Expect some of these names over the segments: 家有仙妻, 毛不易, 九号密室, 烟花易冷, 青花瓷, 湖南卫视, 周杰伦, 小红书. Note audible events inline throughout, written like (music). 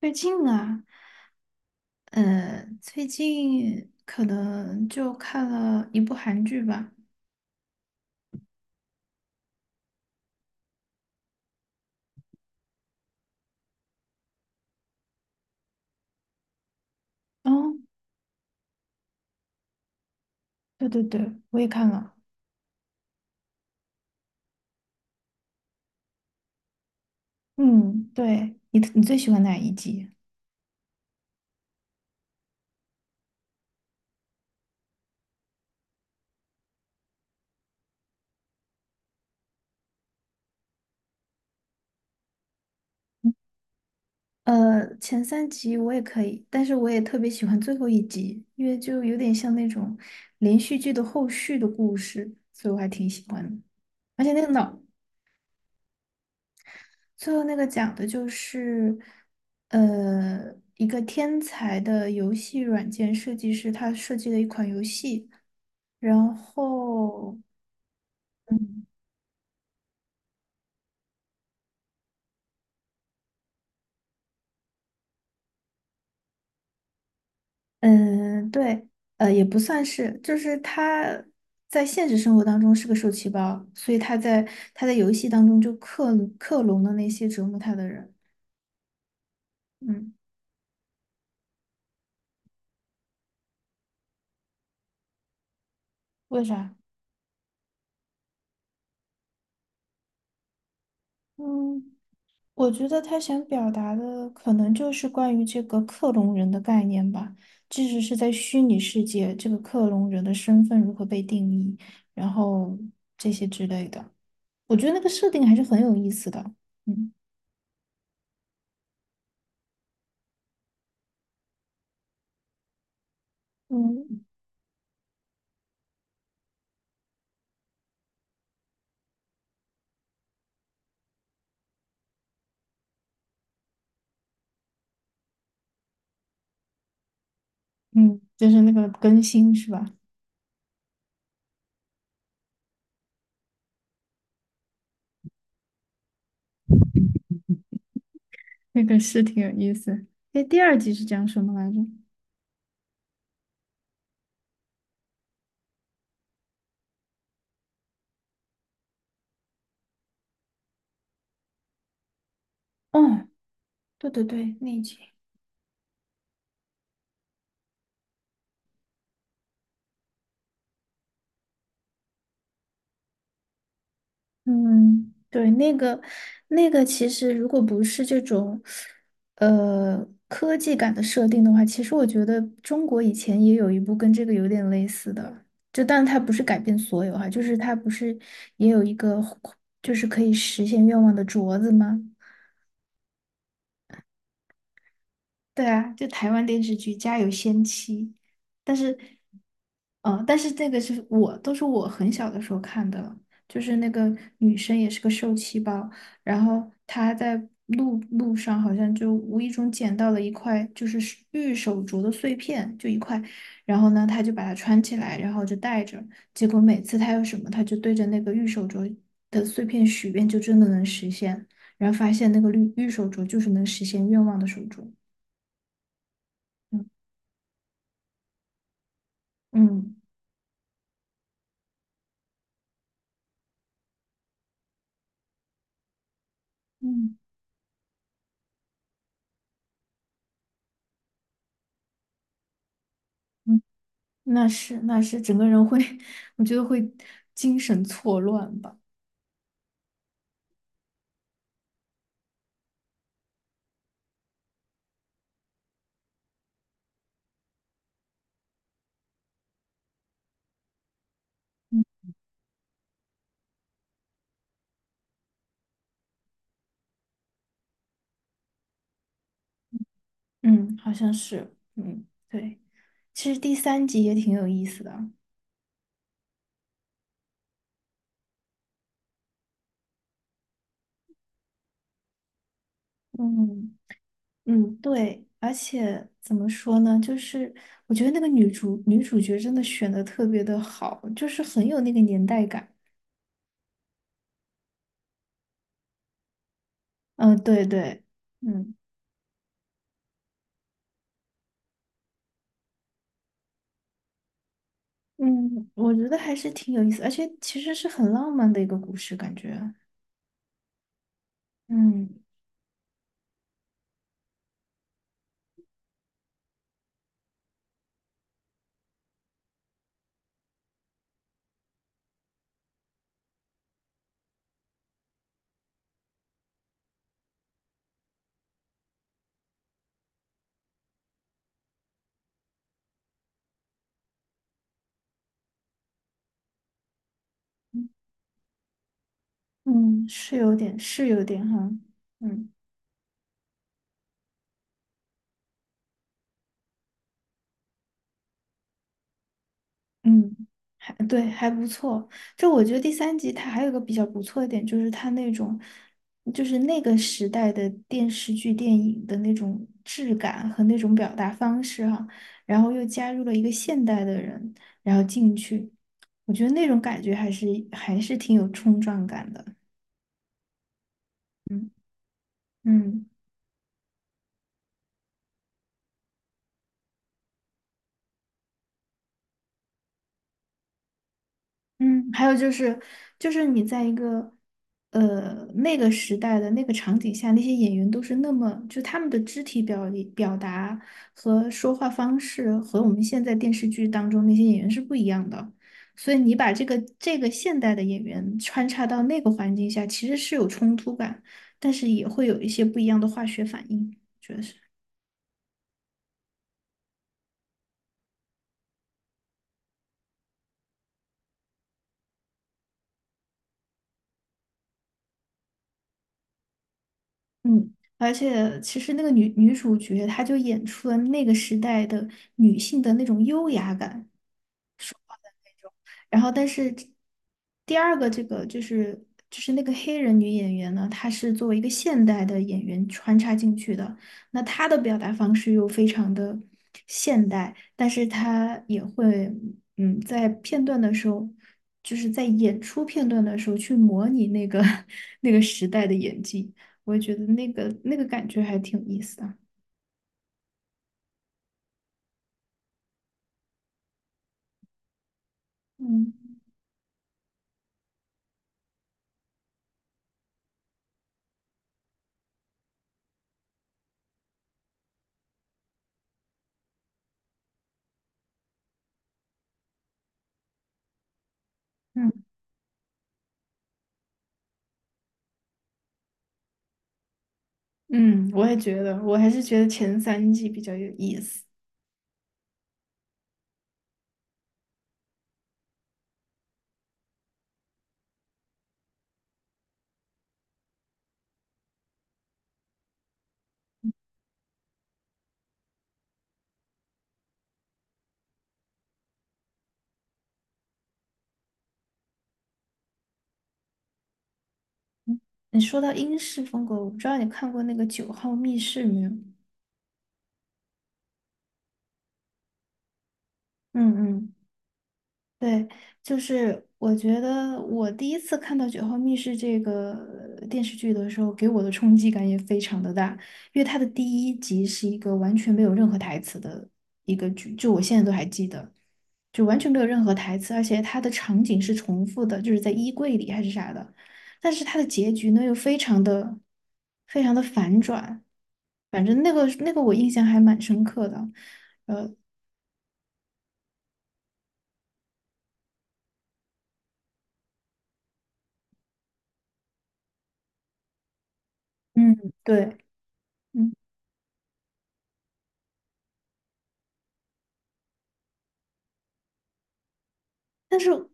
最近啊，最近可能就看了一部韩剧吧。哦，对对对，我也看了。嗯，对，你最喜欢哪一集？前三集我也可以，但是我也特别喜欢最后一集，因为就有点像那种连续剧的后续的故事，所以我还挺喜欢的。而且那个脑，最后那个讲的就是，一个天才的游戏软件设计师，他设计了一款游戏，然后，嗯，对，也不算是，就是他在现实生活当中是个受气包，所以他在游戏当中就克隆了那些折磨他的人。嗯，为啥？嗯。我觉得他想表达的可能就是关于这个克隆人的概念吧，即使是在虚拟世界，这个克隆人的身份如何被定义，然后这些之类的，我觉得那个设定还是很有意思的。嗯嗯，嗯，就是那个更新是吧？那个是挺有意思。那第二集是讲什么来着？哦，对对对，那一集。嗯，对，那个，其实如果不是这种科技感的设定的话，其实我觉得中国以前也有一部跟这个有点类似的，就但它不是改变所有哈、就是它不是也有一个就是可以实现愿望的镯子吗？对啊，就台湾电视剧《家有仙妻》，但是，嗯、但是这个是我都是我很小的时候看的了，就是那个女生也是个受气包，然后她在路上好像就无意中捡到了一块就是是玉手镯的碎片，就一块，然后呢，她就把它穿起来，然后就戴着，结果每次她有什么，她就对着那个玉手镯的碎片许愿，就真的能实现，然后发现那个绿玉手镯就是能实现愿望的手镯。嗯。嗯嗯嗯，那是那是，整个人会，(laughs) 我觉得会精神错乱吧。嗯，好像是，嗯，对。其实第三集也挺有意思的。嗯嗯，对，而且怎么说呢，就是我觉得那个女主角真的选的特别的好，就是很有那个年代感。嗯、对对，嗯嗯，我觉得还是挺有意思，而且其实是很浪漫的一个故事，感觉。嗯。嗯，是有点，是有点哈，嗯嗯，还对，还不错。就我觉得第三集它还有个比较不错的点，就是它那种，就是那个时代的电视剧、电影的那种质感和那种表达方式哈，然后又加入了一个现代的人，然后进去，我觉得那种感觉还是挺有冲撞感的。嗯嗯。嗯，还有就是，就是你在一个那个时代的那个场景下，那些演员都是那么，就他们的肢体表达和说话方式和我们现在电视剧当中那些演员是不一样的，所以你把这个现代的演员穿插到那个环境下，其实是有冲突感，但是也会有一些不一样的化学反应，觉得是。嗯，而且其实那个女主角，她就演出了那个时代的女性的那种优雅感。然后但是第二个这个就是那个黑人女演员呢，她是作为一个现代的演员穿插进去的，那她的表达方式又非常的现代，但是她也会嗯在片段的时候。就是在演出片段的时候去模拟那个 (laughs) 那个时代的演技，我也觉得那个感觉还挺有意思的。嗯嗯嗯，我也觉得，我还是觉得前三季比较有意思。你说到英式风格，我不知道你看过那个《九号密室》没有？嗯嗯，对，就是我觉得我第一次看到《九号密室》这个电视剧的时候，给我的冲击感也非常的大，因为它的第一集是一个完全没有任何台词的一个剧，就我现在都还记得，就完全没有任何台词，而且它的场景是重复的，就是在衣柜里还是啥的，但是它的结局呢又非常的非常的反转。反正那个我印象还蛮深刻的。嗯，对，嗯，但是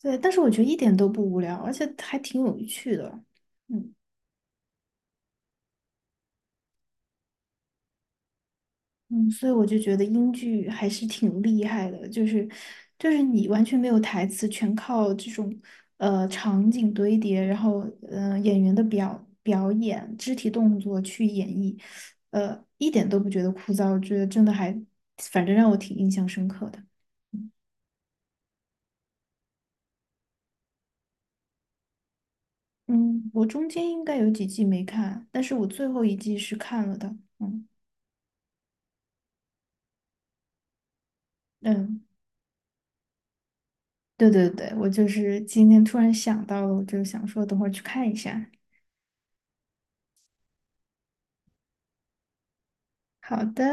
对，但是我觉得一点都不无聊，而且还挺有趣的。嗯嗯，所以我就觉得英剧还是挺厉害的，就是你完全没有台词，全靠这种场景堆叠，然后嗯演员的表演、肢体动作去演绎，一点都不觉得枯燥，我觉得真的还反正让我挺印象深刻的。嗯，我中间应该有几季没看，但是我最后一季是看了的。嗯嗯，对对对，我就是今天突然想到了，我就想说等会儿去看一下。好的。